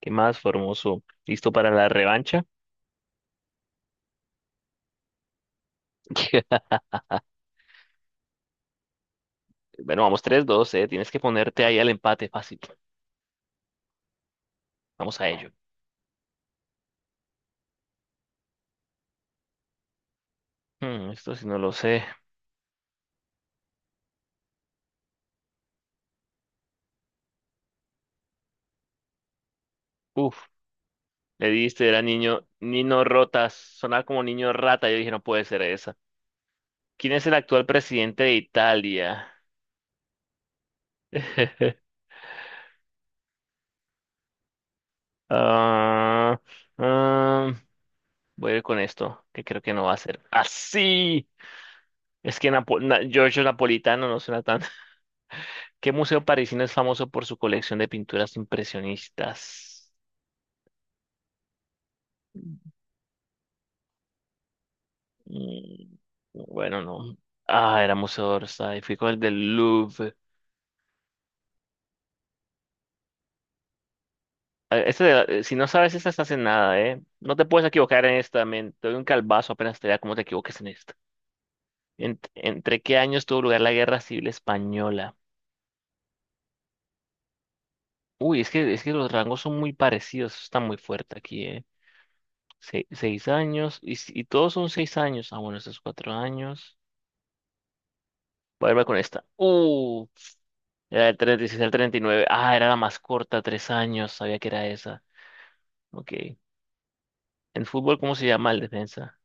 ¿Qué más, Formoso? ¿Listo para la revancha? Bueno, vamos tres, dos, Tienes que ponerte ahí al empate fácil. Vamos a ello. Esto sí no lo sé. Uf, Le diste, era niño, Nino Rotas. Sonaba como niño rata. Yo dije, no puede ser esa. ¿Quién es el actual presidente de Italia? Ah, ah, Voy a ir con esto, que creo que no va a ser. ¡Así! Es que Giorgio Napolitano no suena tan. ¿Qué museo parisino es famoso por su colección de pinturas impresionistas? Mm, Bueno, no. Ah, era Museo Orsay. Fui con el del Louvre. Ah, este de si no sabes esta, estás en nada, ¿eh? No te puedes equivocar en esta, men. Te doy un calvazo apenas te vea cómo te equivoques en esta. ¿Entre qué años tuvo lugar la Guerra Civil Española? Uy, es que los rangos son muy parecidos. Eso está muy fuerte aquí, ¿eh? Seis años. Y, y todos son seis años. Ah, bueno, estos cuatro años. Voy a ver con esta. ¡Uh! Era del 36 al 39. Ah, era la más corta, tres años. Sabía que era esa. Ok. En fútbol, ¿cómo se llama el defensa?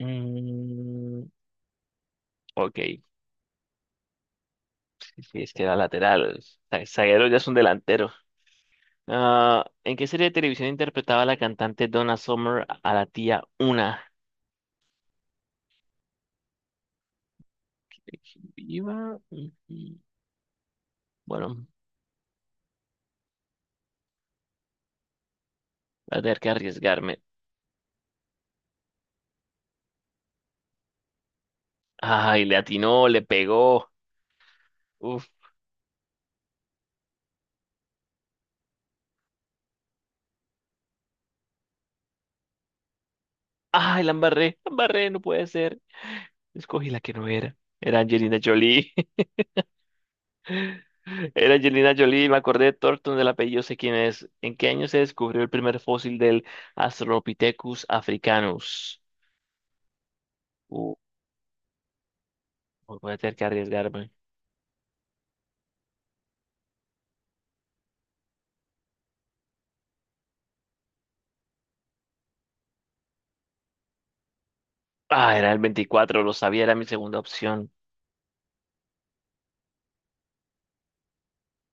Mm, ok, sí, es que era lateral. Zaguero ya es un delantero. Ah, ¿en qué serie de televisión interpretaba la cantante Donna Summer a la tía Una? Viva. Bueno, voy a tener que arriesgarme. Ay, le atinó, le pegó. Uf. Ay, la embarré, no puede ser. Escogí la que no era. Era Angelina Jolie. Era Angelina Jolie, me acordé de Thornton del apellido, sé quién es. ¿En qué año se descubrió el primer fósil del Australopithecus africanus? Uh, voy a tener que arriesgarme. Ah, era el veinticuatro, lo sabía, era mi segunda opción.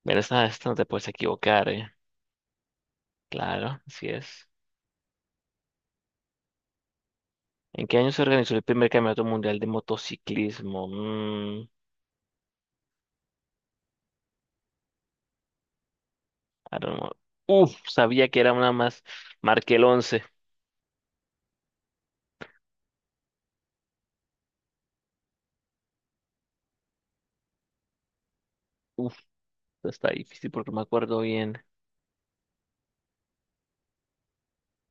Mira, esta no te puedes equivocar, ¿eh? Claro, así es. ¿En qué año se organizó el primer campeonato mundial de motociclismo? I don't know. Uf, sabía que era una más. Marqué el once. Uf, está difícil porque no me acuerdo bien.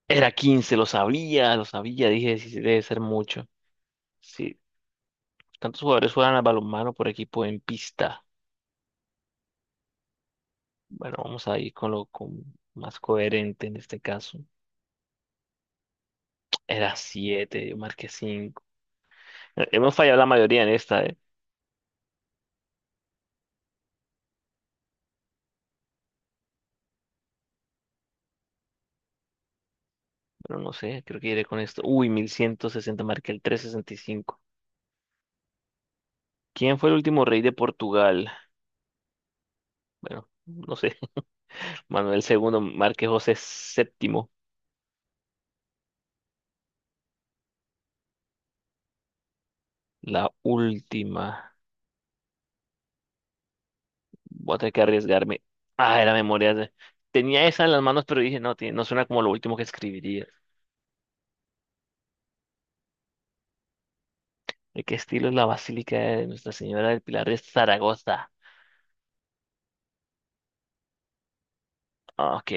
Era quince, lo sabía, dije, sí, sí, debe ser mucho. Sí, tantos jugadores juegan al balonmano por equipo en pista. Bueno, vamos a ir con lo con más coherente en este caso. Era siete, yo marqué 5. Hemos fallado la mayoría en esta, ¿eh? Pero no sé, creo que iré con esto. Uy, mil ciento sesenta, marqué el trescientos sesenta y cinco. ¿Quién fue el último rey de Portugal? Bueno, no sé. Manuel segundo, marqué José séptimo. La última. Voy a tener que arriesgarme. Ah, era memoria. Tenía esa en las manos, pero dije, no, no suena como lo último que escribiría. ¿De qué estilo es la Basílica de Nuestra Señora del Pilar de Zaragoza? Ah, ok.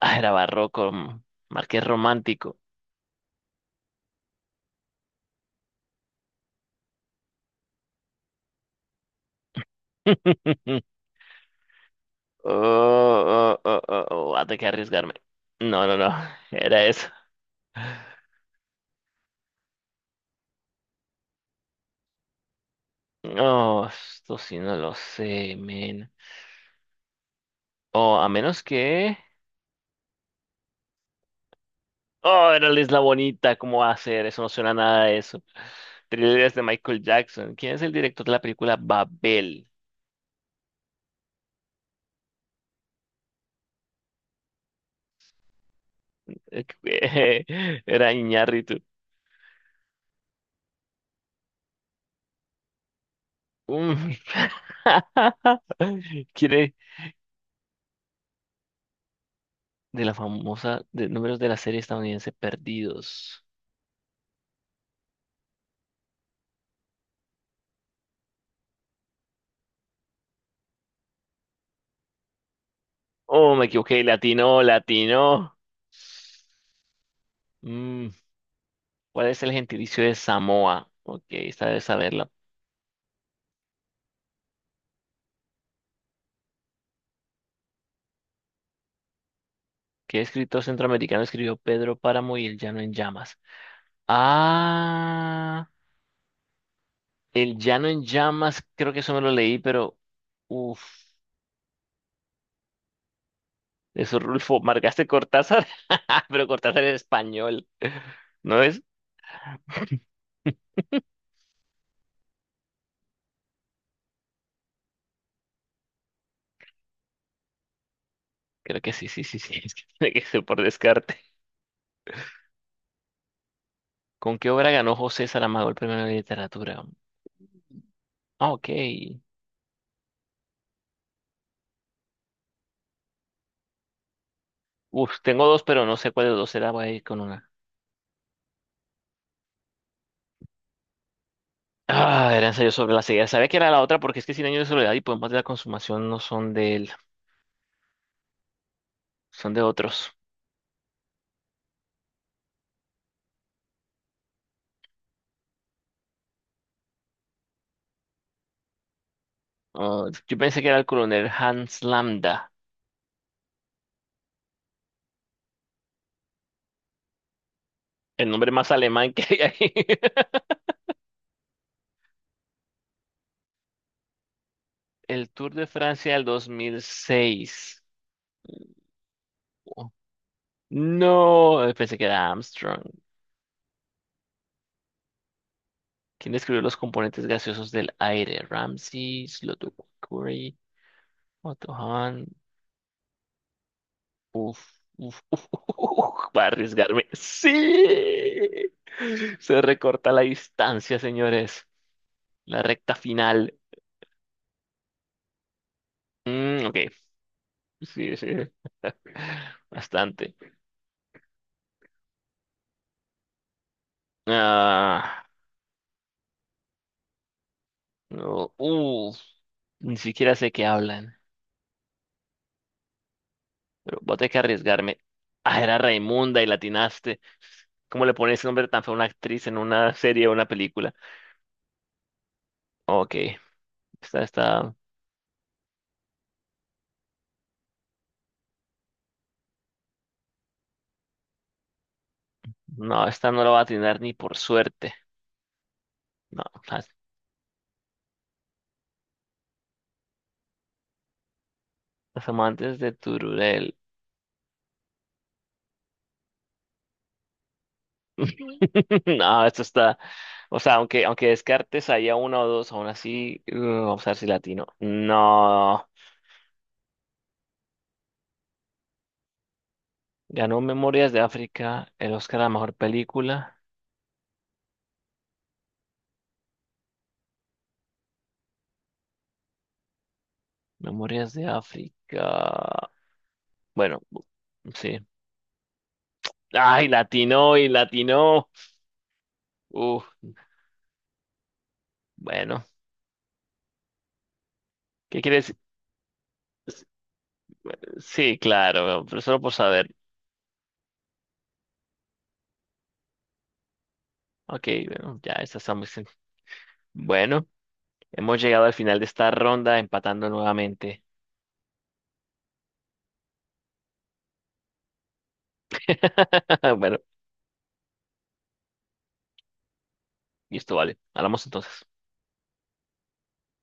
Ah, era barroco. Marqués romántico. Oh, Voy a tener que arriesgarme. No, no, no. Era eso. No, esto sí no lo sé, men. Oh, a menos que. Oh, era la Isla Bonita, ¿cómo va a ser? Eso no suena a nada de eso. Thrillers de Michael Jackson. ¿Quién es el director de la película Babel? Era Iñárritu. Mm. ¿Quién es de la famosa de números de la serie estadounidense Perdidos? Oh, me equivoqué, latino, latino. Mm, ¿Cuál es el gentilicio de Samoa? Ok, esta debe saberla. ¿Qué escritor centroamericano escribió Pedro Páramo y El Llano en Llamas? Ah. El Llano en Llamas, creo que eso me lo leí, pero uff, eso Rulfo, marcaste Cortázar, pero Cortázar es español, ¿no es? Creo que sí, sí, sí, sí, es que tiene que ser por descarte. ¿Con qué obra ganó José Saramago el premio de literatura? Ah, ok. Uf, tengo dos, pero no sé cuál de los dos era, voy a ir con una. Ah, era ensayo sobre la ceguera. Sabía que era la otra porque es que Cien años de soledad y Poemas de la consumación no son de él, son de otros. Ah, yo pensé que era el coronel Hans Lambda, el nombre más alemán que hay ahí. El Tour de Francia del 2006. Oh, no, pensé que era Armstrong. ¿Quién describió los componentes gaseosos del aire? Ramsay, Slotukuri, Otto Hahn. Uf, va a arriesgarme. ¡Sí! Se recorta la distancia, señores. La recta final. Ok, sí, sí. Bastante. Ah, no, ni siquiera sé qué hablan. Pero voy a tener que arriesgarme. Ah, era Raimunda y latinaste. ¿Cómo le pones ese nombre tan feo a una actriz en una serie o una película? Ok, esta, esta, no, esta no la va a atinar ni por suerte. No, las, las amantes de Tururel. No, esto está, aunque descartes ahí a una o dos, aún así, vamos a ver si latino. No, ganó Memorias de África, el Oscar a la mejor película. Memorias de África. Bueno, sí. Ay, latino y latino. Uf, bueno, ¿qué quieres? Sí, claro, pero solo por saber. Ok, bueno, ya, esta está muy bueno, hemos llegado al final de esta ronda empatando nuevamente. Bueno, y esto vale. Hablamos entonces.